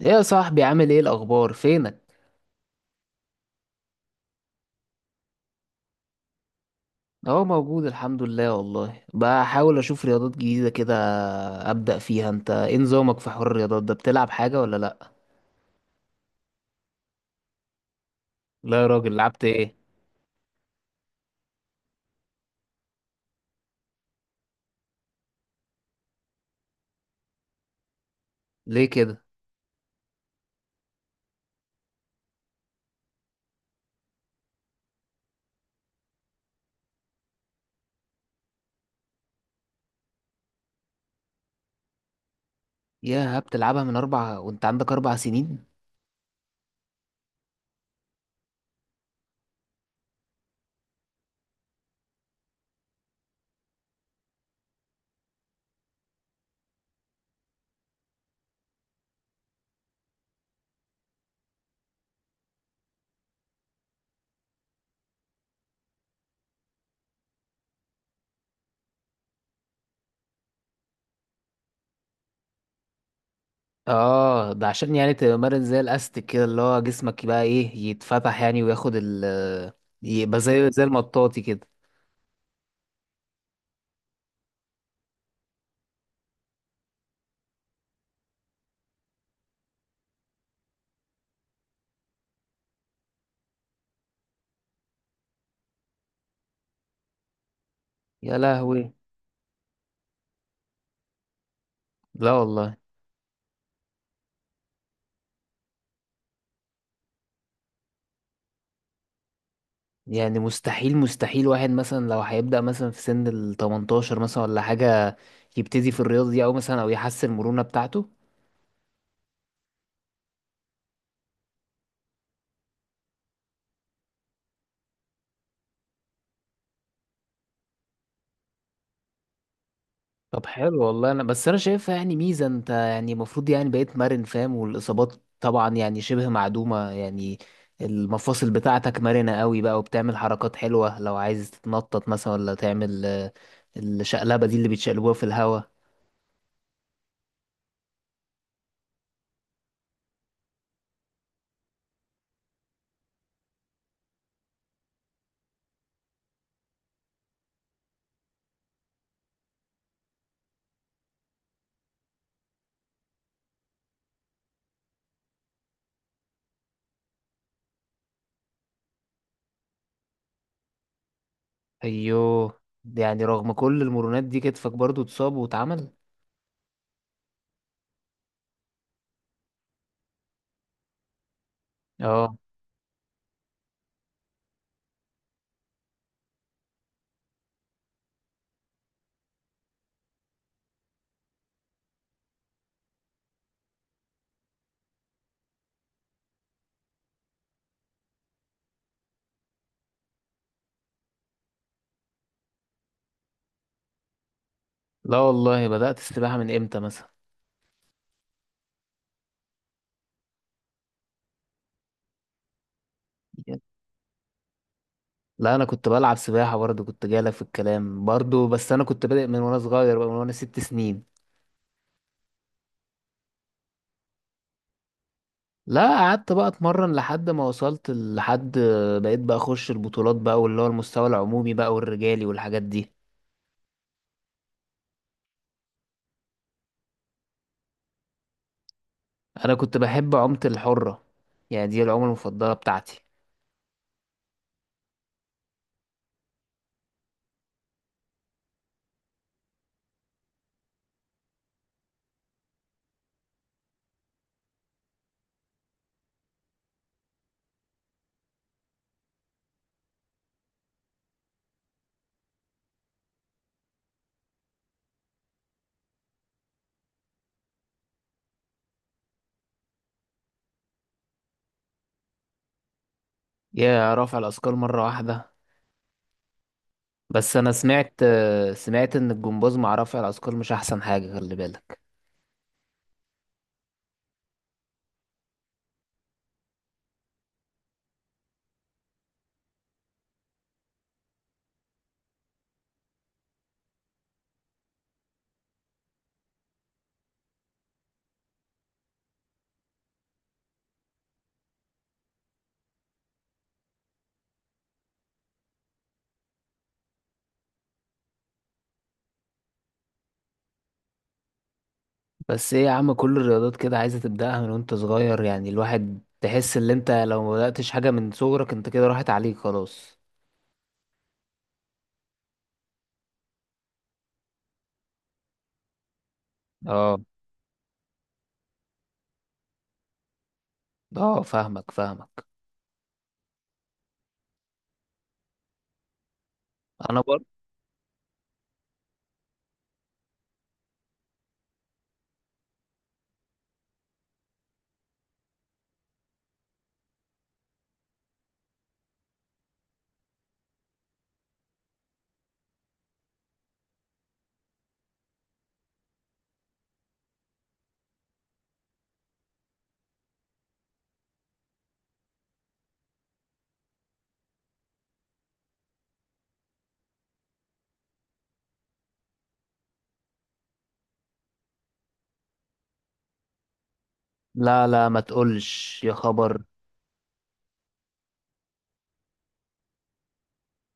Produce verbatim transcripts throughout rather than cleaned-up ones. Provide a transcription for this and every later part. ايه يا صاحبي؟ عامل ايه الاخبار؟ فينك؟ اهو موجود الحمد لله. والله بحاول اشوف رياضات جديده كده ابدا فيها. انت ايه نظامك في حوار الرياضات ده؟ بتلعب حاجه ولا لا؟ لا يا راجل، لعبت ايه؟ ليه كده؟ يا بتلعبها من اربع وانت عندك اربع سنين؟ اه، ده عشان يعني تمارس زي الاستك كده، اللي هو جسمك يبقى ايه، يتفتح يعني وياخد ال... يبقى زي زي المطاطي كده. يا لهوي! لا والله. يعني مستحيل مستحيل واحد مثلا لو هيبدأ مثلا في سن ال ثمانية عشر، مثلا ولا حاجة، يبتدي في الرياضة دي أو مثلا أو يحسن المرونة بتاعته؟ طب حلو والله، أنا بس أنا شايفها يعني ميزة. أنت يعني المفروض يعني بقيت مرن فاهم، والإصابات طبعا يعني شبه معدومة يعني. المفاصل بتاعتك مرنة قوي بقى وبتعمل حركات حلوة، لو عايز تتنطط مثلا ولا تعمل آه، الشقلبة دي اللي بيتشقلبوها في الهوا. أيوه، يعني رغم كل المرونات دي كتفك برضو اتصاب واتعمل. اه. لا والله، بدأت السباحة من امتى مثلا؟ لا انا كنت بلعب سباحة برضه، كنت جايلك في الكلام برضه، بس انا كنت بادئ من وانا صغير بقى، من وانا ست سنين. لا قعدت بقى اتمرن لحد ما وصلت لحد، بقيت بقى اخش البطولات بقى، واللي هو المستوى العمومي بقى، والرجالي والحاجات دي. انا كنت بحب عومة الحرة، يعني دي العومة المفضلة بتاعتي. يا رفع الاثقال مرة واحدة؟ بس انا سمعت سمعت ان الجمباز مع رفع الاثقال مش احسن حاجة، خلي بالك. بس ايه يا عم، كل الرياضات كده عايزة تبدأها من وانت صغير، يعني الواحد تحس ان انت لو ما بدأتش حاجة من صغرك انت كده راحت عليك خلاص. اه. اه، فاهمك فاهمك. انا برضه. لا لا، ما تقولش يا خبر.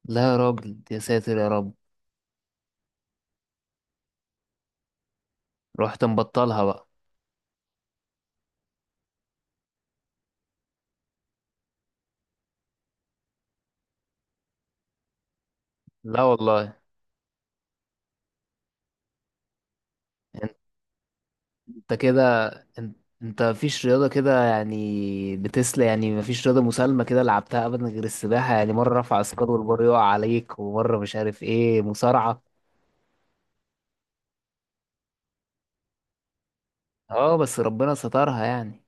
لا يا راجل، يا ساتر يا رب. رحت مبطلها بقى؟ لا والله. انت كده، انت, انت مفيش رياضة كده يعني بتسلى، يعني مفيش رياضة مسالمة كده لعبتها ابدا غير السباحة؟ يعني مرة رفع اثقال والبار يقع عليك، ومرة مش عارف ايه مصارعة. اه بس ربنا سترها يعني.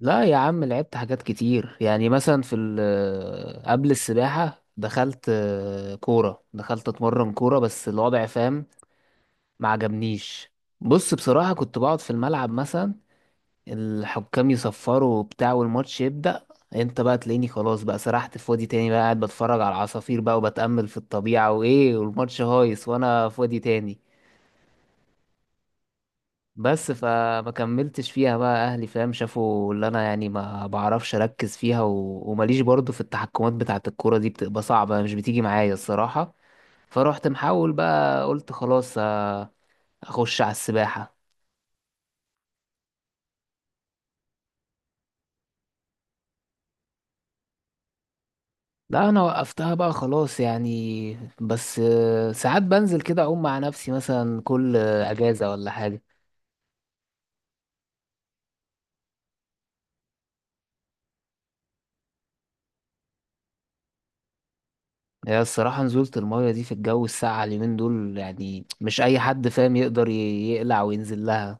لا يا عم، لعبت حاجات كتير، يعني مثلا في ال- آه، قبل السباحة دخلت آه، كورة، دخلت اتمرن كورة، بس الوضع فاهم ما عجبنيش. بص بصراحة، كنت بقعد في الملعب مثلا، الحكام يصفروا وبتاع والماتش يبدأ، انت بقى تلاقيني خلاص بقى سرحت في وادي تاني بقى، قاعد بتفرج على العصافير بقى وبتأمل في الطبيعة وايه، والماتش هايص وانا في وادي تاني. بس فما كملتش فيها بقى، اهلي فاهم شافوا اللي انا يعني ما بعرفش اركز فيها، و... وماليش برضو في التحكمات بتاعه الكوره دي، بتبقى صعبه، مش بتيجي معايا الصراحه. فروحت محاول بقى، قلت خلاص آه، اخش على السباحه. لا انا وقفتها بقى خلاص يعني، بس آه، ساعات بنزل كده اعوم مع نفسي، مثلا كل آه، اجازه ولا حاجه. هي الصراحة نزولة المية دي في الجو الساقع اليومين دول، يعني مش أي حد فاهم يقدر ي- يقلع وينزل لها.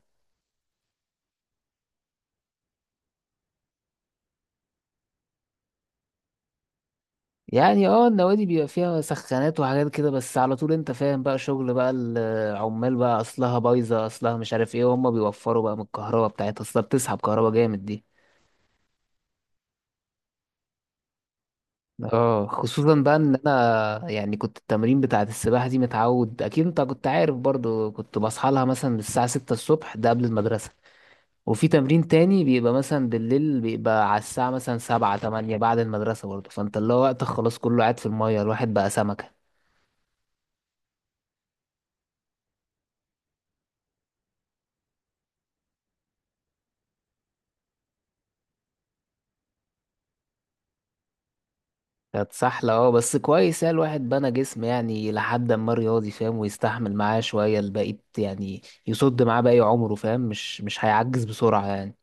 يعني اه النوادي بيبقى فيها سخانات وحاجات كده، بس على طول انت فاهم بقى، شغل بقى العمال بقى، اصلها بايظه، اصلها مش عارف ايه، وهم بيوفروا بقى من الكهرباء بتاعتها، اصلها بتسحب كهرباء جامد دي. اه، خصوصا بقى ان انا يعني كنت التمرين بتاعت السباحه دي، متعود اكيد انت كنت عارف برضو، كنت بصحى لها مثلا من الساعه ستة الصبح، ده قبل المدرسه. وفي تمرين تاني بيبقى مثلا بالليل، بيبقى على الساعه مثلا سبعة تمانية بعد المدرسه برضو، فانت اللي هو وقتك خلاص كله قاعد في الميه، الواحد بقى سمكه. كانت سحلة، اه بس كويس يعني، الواحد بنى جسم يعني لحد ما رياضي فاهم، ويستحمل معاه شوية البقيت يعني، يصد معاه باقي عمره فاهم، مش مش هيعجز بسرعة يعني.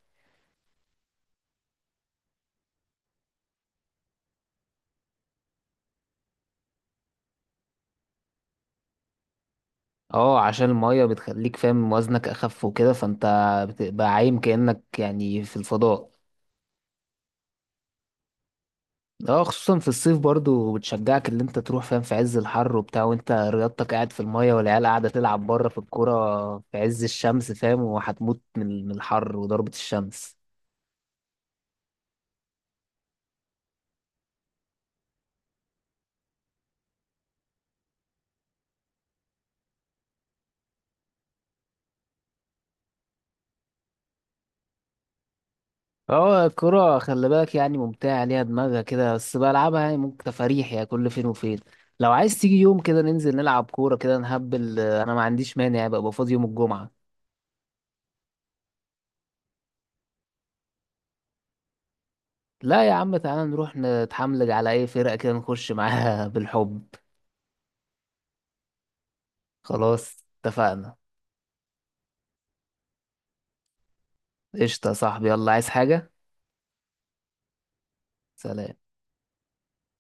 اه، عشان المية بتخليك فاهم وزنك أخف وكده، فانت بتبقى عايم كأنك يعني في الفضاء. اه خصوصا في الصيف برضو، بتشجعك اللي انت تروح فاهم في عز الحر وبتاع، وانت رياضتك قاعد في المية، والعيال قاعدة تلعب بره في الكورة في عز الشمس فاهم، وهتموت من من الحر وضربة الشمس. اه، الكرة خلي بالك يعني ممتعة، ليها دماغها كده، بس بلعبها يعني ممكن تفاريح يعني كل فين وفين. لو عايز تيجي يوم كده ننزل نلعب كورة كده نهبل، آه، انا ما عنديش مانع يعني، ببقى فاضي يوم الجمعة. لا يا عم، تعالى نروح نتحملج على اي فرقة كده، نخش معاها بالحب. خلاص اتفقنا. قشطة يا صاحبي، يلا عايز حاجة؟ سلام.